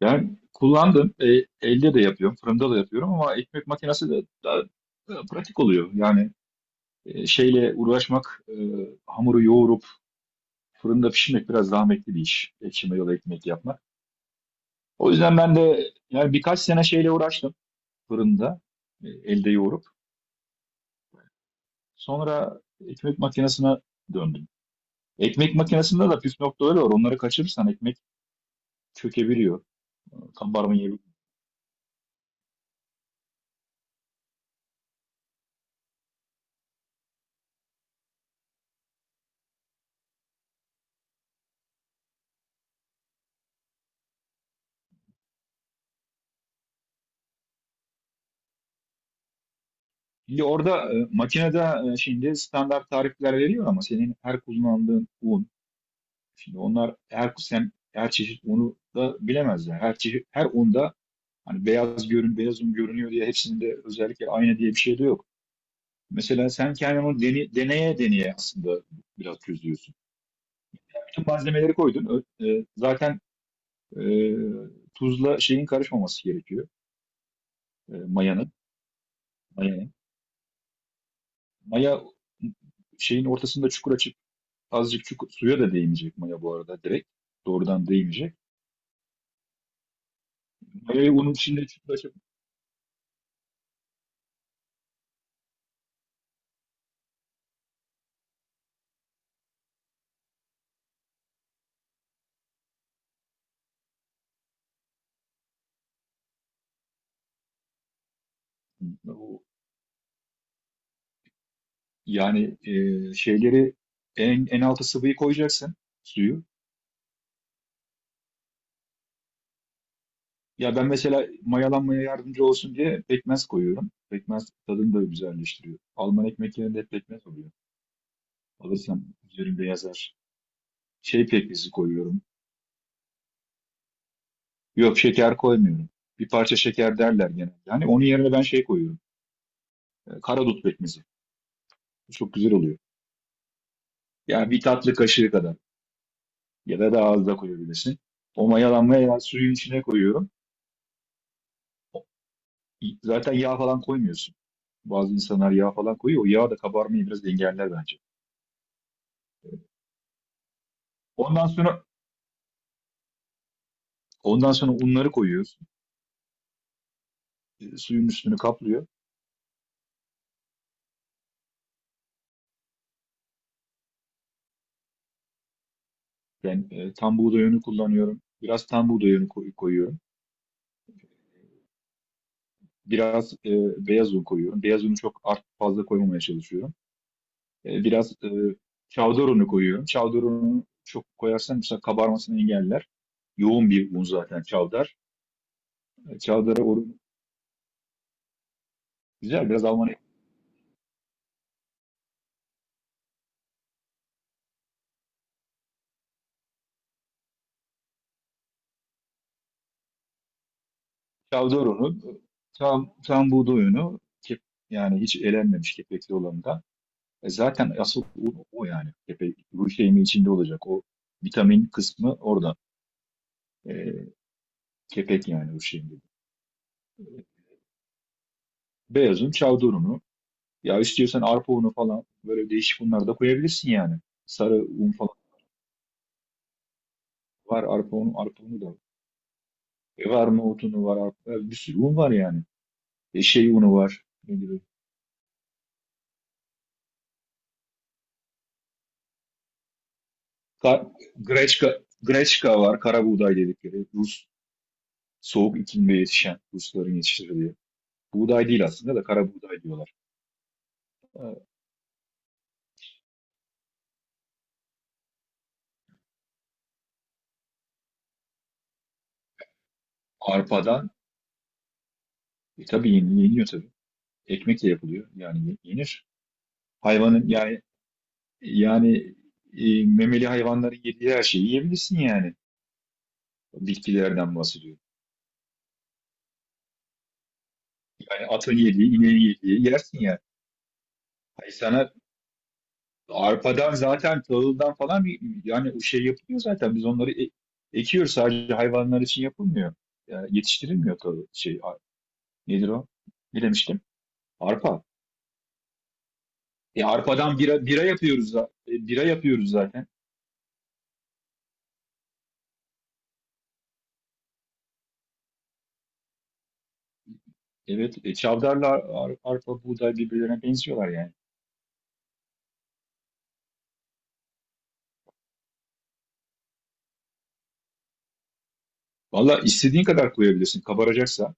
Yani kullandım. Elde de yapıyorum. Fırında da yapıyorum ama ekmek makinesi de daha pratik oluyor. Yani şeyle uğraşmak, hamuru yoğurup fırında pişirmek biraz zahmetli bir iş. Ekşi mayalı ekmek yapmak. O yüzden ben de yani birkaç sene şeyle uğraştım fırında elde yoğurup. Sonra ekmek makinesine döndüm. Ekmek makinesinde de püf noktaları var. Onları kaçırırsan ekmek çökebiliyor, kabarmayı. Şimdi orada makinede şimdi standart tarifler veriyor ama senin her kullandığın un, şimdi onlar her sen her çeşit unu da bilemezler. Her çeşit her unda hani beyaz görün beyaz un görünüyor diye hepsinde özellikle aynı diye bir şey de yok. Mesela sen kendin onu deneye deneye aslında biraz çözüyorsun. Bütün malzemeleri koydun. Zaten e, tuzla şeyin karışmaması gerekiyor. Mayanın. Mayanın. Maya şeyin ortasında çukur açıp azıcık şu suya da değmeyecek maya bu arada direkt. Doğrudan değmeyecek. Mayayı onun içinde çıtlaşıp o- yani şeyleri en altı sıvıyı koyacaksın suyu. Ya ben mesela mayalanmaya yardımcı olsun diye pekmez koyuyorum. Pekmez tadını da güzelleştiriyor. Alman ekmek yerinde hep pekmez oluyor. Alırsam üzerinde yazar. Şey pekmezi koyuyorum. Yok şeker koymuyorum. Bir parça şeker derler genelde. Yani onun yerine ben şey koyuyorum. Karadut pekmezi. Çok güzel oluyor. Yani bir tatlı kaşığı kadar. Ya da daha az da koyabilirsin. O mayalanmaya ya suyun içine koyuyorum. Zaten yağ falan koymuyorsun. Bazı insanlar yağ falan koyuyor. O yağ da kabarmayı biraz engeller bence. Ondan sonra ondan sonra unları koyuyoruz. Suyun üstünü kaplıyor. Ben tam buğday unu kullanıyorum. Biraz tam buğday unu koyuyorum. Biraz beyaz un koyuyorum. Beyaz unu çok art fazla koymamaya çalışıyorum. Biraz çavdar unu koyuyorum. Çavdar unu çok koyarsan mesela kabarmasını engeller. Yoğun bir un zaten çavdar. Çavdara güzel biraz Almanya. Calderon'un tam buğday unu kep, yani hiç elenmemiş kepekli olanından. Zaten asıl un o yani. Kepek, ruj şeyimi içinde olacak. O vitamin kısmı orada. E, kepek yani ruj şeyinde. Beyaz un, Calderon'u. Ya istiyorsan arpa unu falan böyle değişik unlar da koyabilirsin yani. Sarı un falan var. Arpa unu, arpa unu da var. Var nohut unu var. Arpa, bir sürü un var yani. Şey unu var. Ne gibi? Ka Greçka, Greçka var. Kara buğday dedikleri. Rus soğuk iklimde yetişen Rusların yetiştirdiği. Buğday değil aslında da kara buğday diyorlar. Ee, Arpadan tabii yeniyor tabii. Ekmek de yapılıyor. Yani yenir. Hayvanın yani yani memeli hayvanların yediği her şeyi yiyebilirsin yani. Bitkilerden bahsediyorum. Yani atın yediği, ineğin yediği yersin yani. Hayır sana arpadan zaten tahıldan falan bir yani o şey yapılıyor zaten. Biz onları ekiyoruz sadece hayvanlar için yapılmıyor. Yani yetiştirilmiyor tahıl şey nedir o? Ne demiştim? Arpa. Arpadan bira yapıyoruz zaten. Evet, çavdarla arpa, buğday birbirlerine benziyorlar yani. Valla istediğin kadar koyabilirsin kabaracaksa.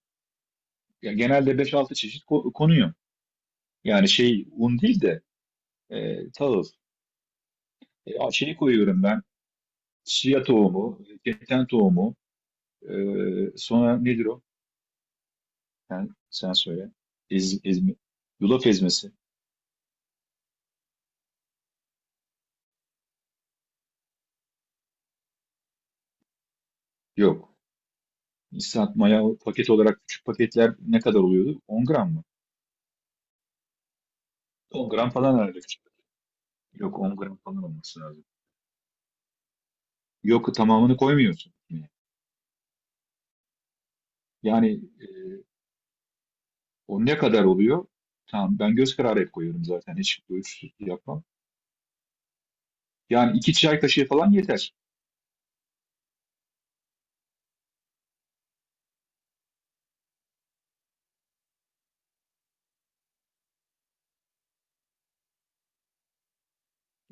Ya genelde beş altı çeşit konuyor. Yani şey un değil de tahıl. Şeyi koyuyorum ben. Chia tohumu, keten tohumu, e, sonra nedir o? Sen söyle. Ezme, yulaf ezmesi. Yok. Instant maya paket olarak küçük paketler ne kadar oluyordu? 10 gram mı? 10 gram falan herhalde. Yok 10 gram falan olması lazım. Yok tamamını koymuyorsun. Yani o ne kadar oluyor? Tamam ben göz kararı hep koyuyorum zaten. Hiç ölçüsüz yapmam. Yani iki çay kaşığı falan yeter.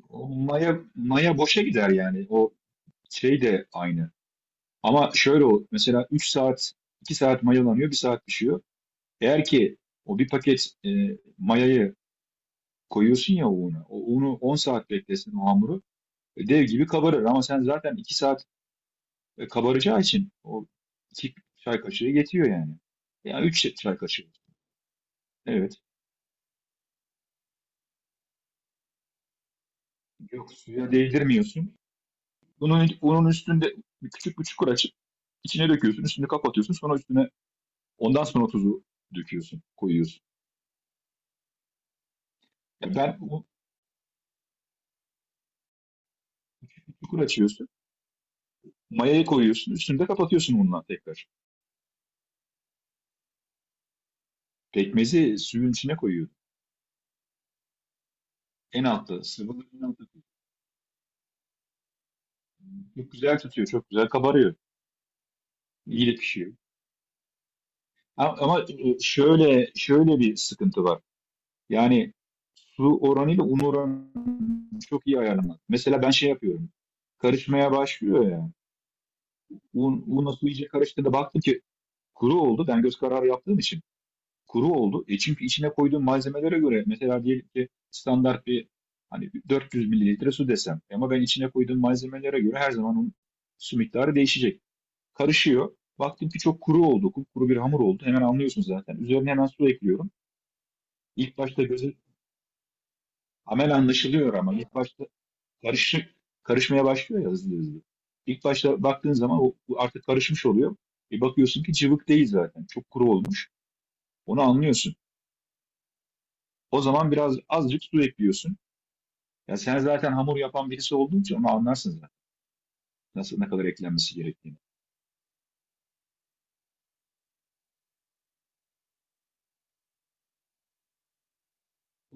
O maya boşa gider yani. O şey de aynı. Ama şöyle o mesela 3 saat 2 saat mayalanıyor bir saat pişiyor. Eğer ki o bir paket mayayı koyuyorsun ya o una. O unu 10 saat beklesin o hamuru. Dev gibi kabarır ama sen zaten 2 saat. Kabaracağı için o iki çay kaşığı yetiyor yani. Yani üç çay kaşığı. Evet. Yok suya değdirmiyorsun. Bunun üstünde bir küçük bir çukur açıp içine döküyorsun. Üstünü kapatıyorsun. Sonra üstüne ondan sonra tuzu döküyorsun. Koyuyorsun. Ya ben o bir çukur açıyorsun. Mayayı koyuyorsun. Üstünü de kapatıyorsun bununla tekrar. Pekmezi suyun içine koyuyorsun. En altta, sıvının en altta. Çok güzel tutuyor. Çok güzel kabarıyor. İyi de pişiyor. Ama şöyle bir sıkıntı var. Yani su oranıyla un oranı çok iyi ayarlamak. Mesela ben şey yapıyorum. Karışmaya başlıyor yani. Unla su iyice karıştığında baktım ki kuru oldu. Ben göz kararı yaptığım için kuru oldu. E çünkü içine koyduğum malzemelere göre mesela diyelim ki standart bir hani 400 mililitre su desem. Ama ben içine koyduğum malzemelere göre her zaman onun su miktarı değişecek. Karışıyor. Baktım ki çok kuru oldu. Kuru bir hamur oldu. Hemen anlıyorsun zaten. Üzerine hemen su ekliyorum. İlk başta gözü amel anlaşılıyor ama ilk başta karışık karışmaya başlıyor ya hızlı hızlı. İlk başta baktığın zaman o bu artık karışmış oluyor. Bir bakıyorsun ki cıvık değil zaten. Çok kuru olmuş. Onu anlıyorsun. O zaman biraz azıcık su ekliyorsun. Ya sen zaten hamur yapan birisi olduğun için onu anlarsın zaten. Nasıl ne kadar eklenmesi gerektiğini.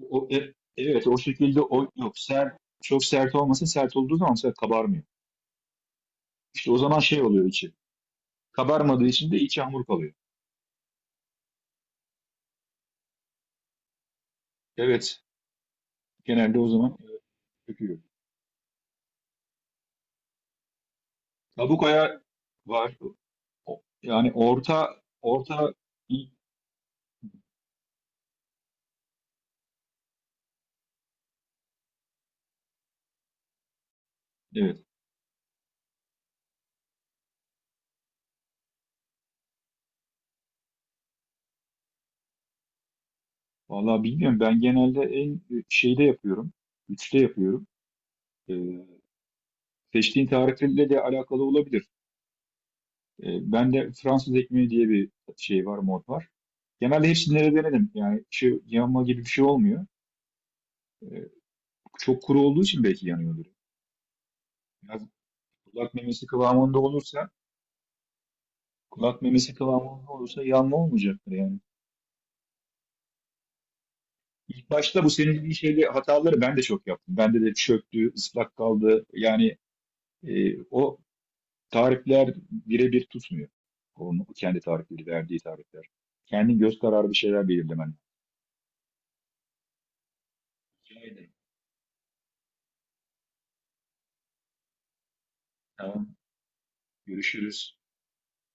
Evet o şekilde o yok. Çok sert olmasa sert olduğu zaman mesela kabarmıyor. İşte o zaman şey oluyor içi. Kabarmadığı için de içi hamur kalıyor. Evet. Genelde o zaman döküyor. Kabuk ayağı var. Yani orta orta, evet, vallahi bilmiyorum ben genelde en şeyde yapıyorum. Üçte yapıyorum. Ee, seçtiğin tarihle de alakalı olabilir. Ben de Fransız ekmeği diye bir şey var mod var. Genelde hepsini de denedim. Yani şu yanma gibi bir şey olmuyor. Ee, çok kuru olduğu için belki yanıyordur. Biraz kulak memesi kıvamında olursa kulak memesi kıvamında olursa yanma olmayacaktır yani. İlk başta bu senin dediğin şeyle hataları ben de çok yaptım. Bende de çöktü, ıslak kaldı. Yani o tarifler birebir tutmuyor. Onun kendi tarifleri, verdiği tarifler. Kendin göz kararı bir şeyler belirlemen lazım. Rica ederim. Tamam. Görüşürüz.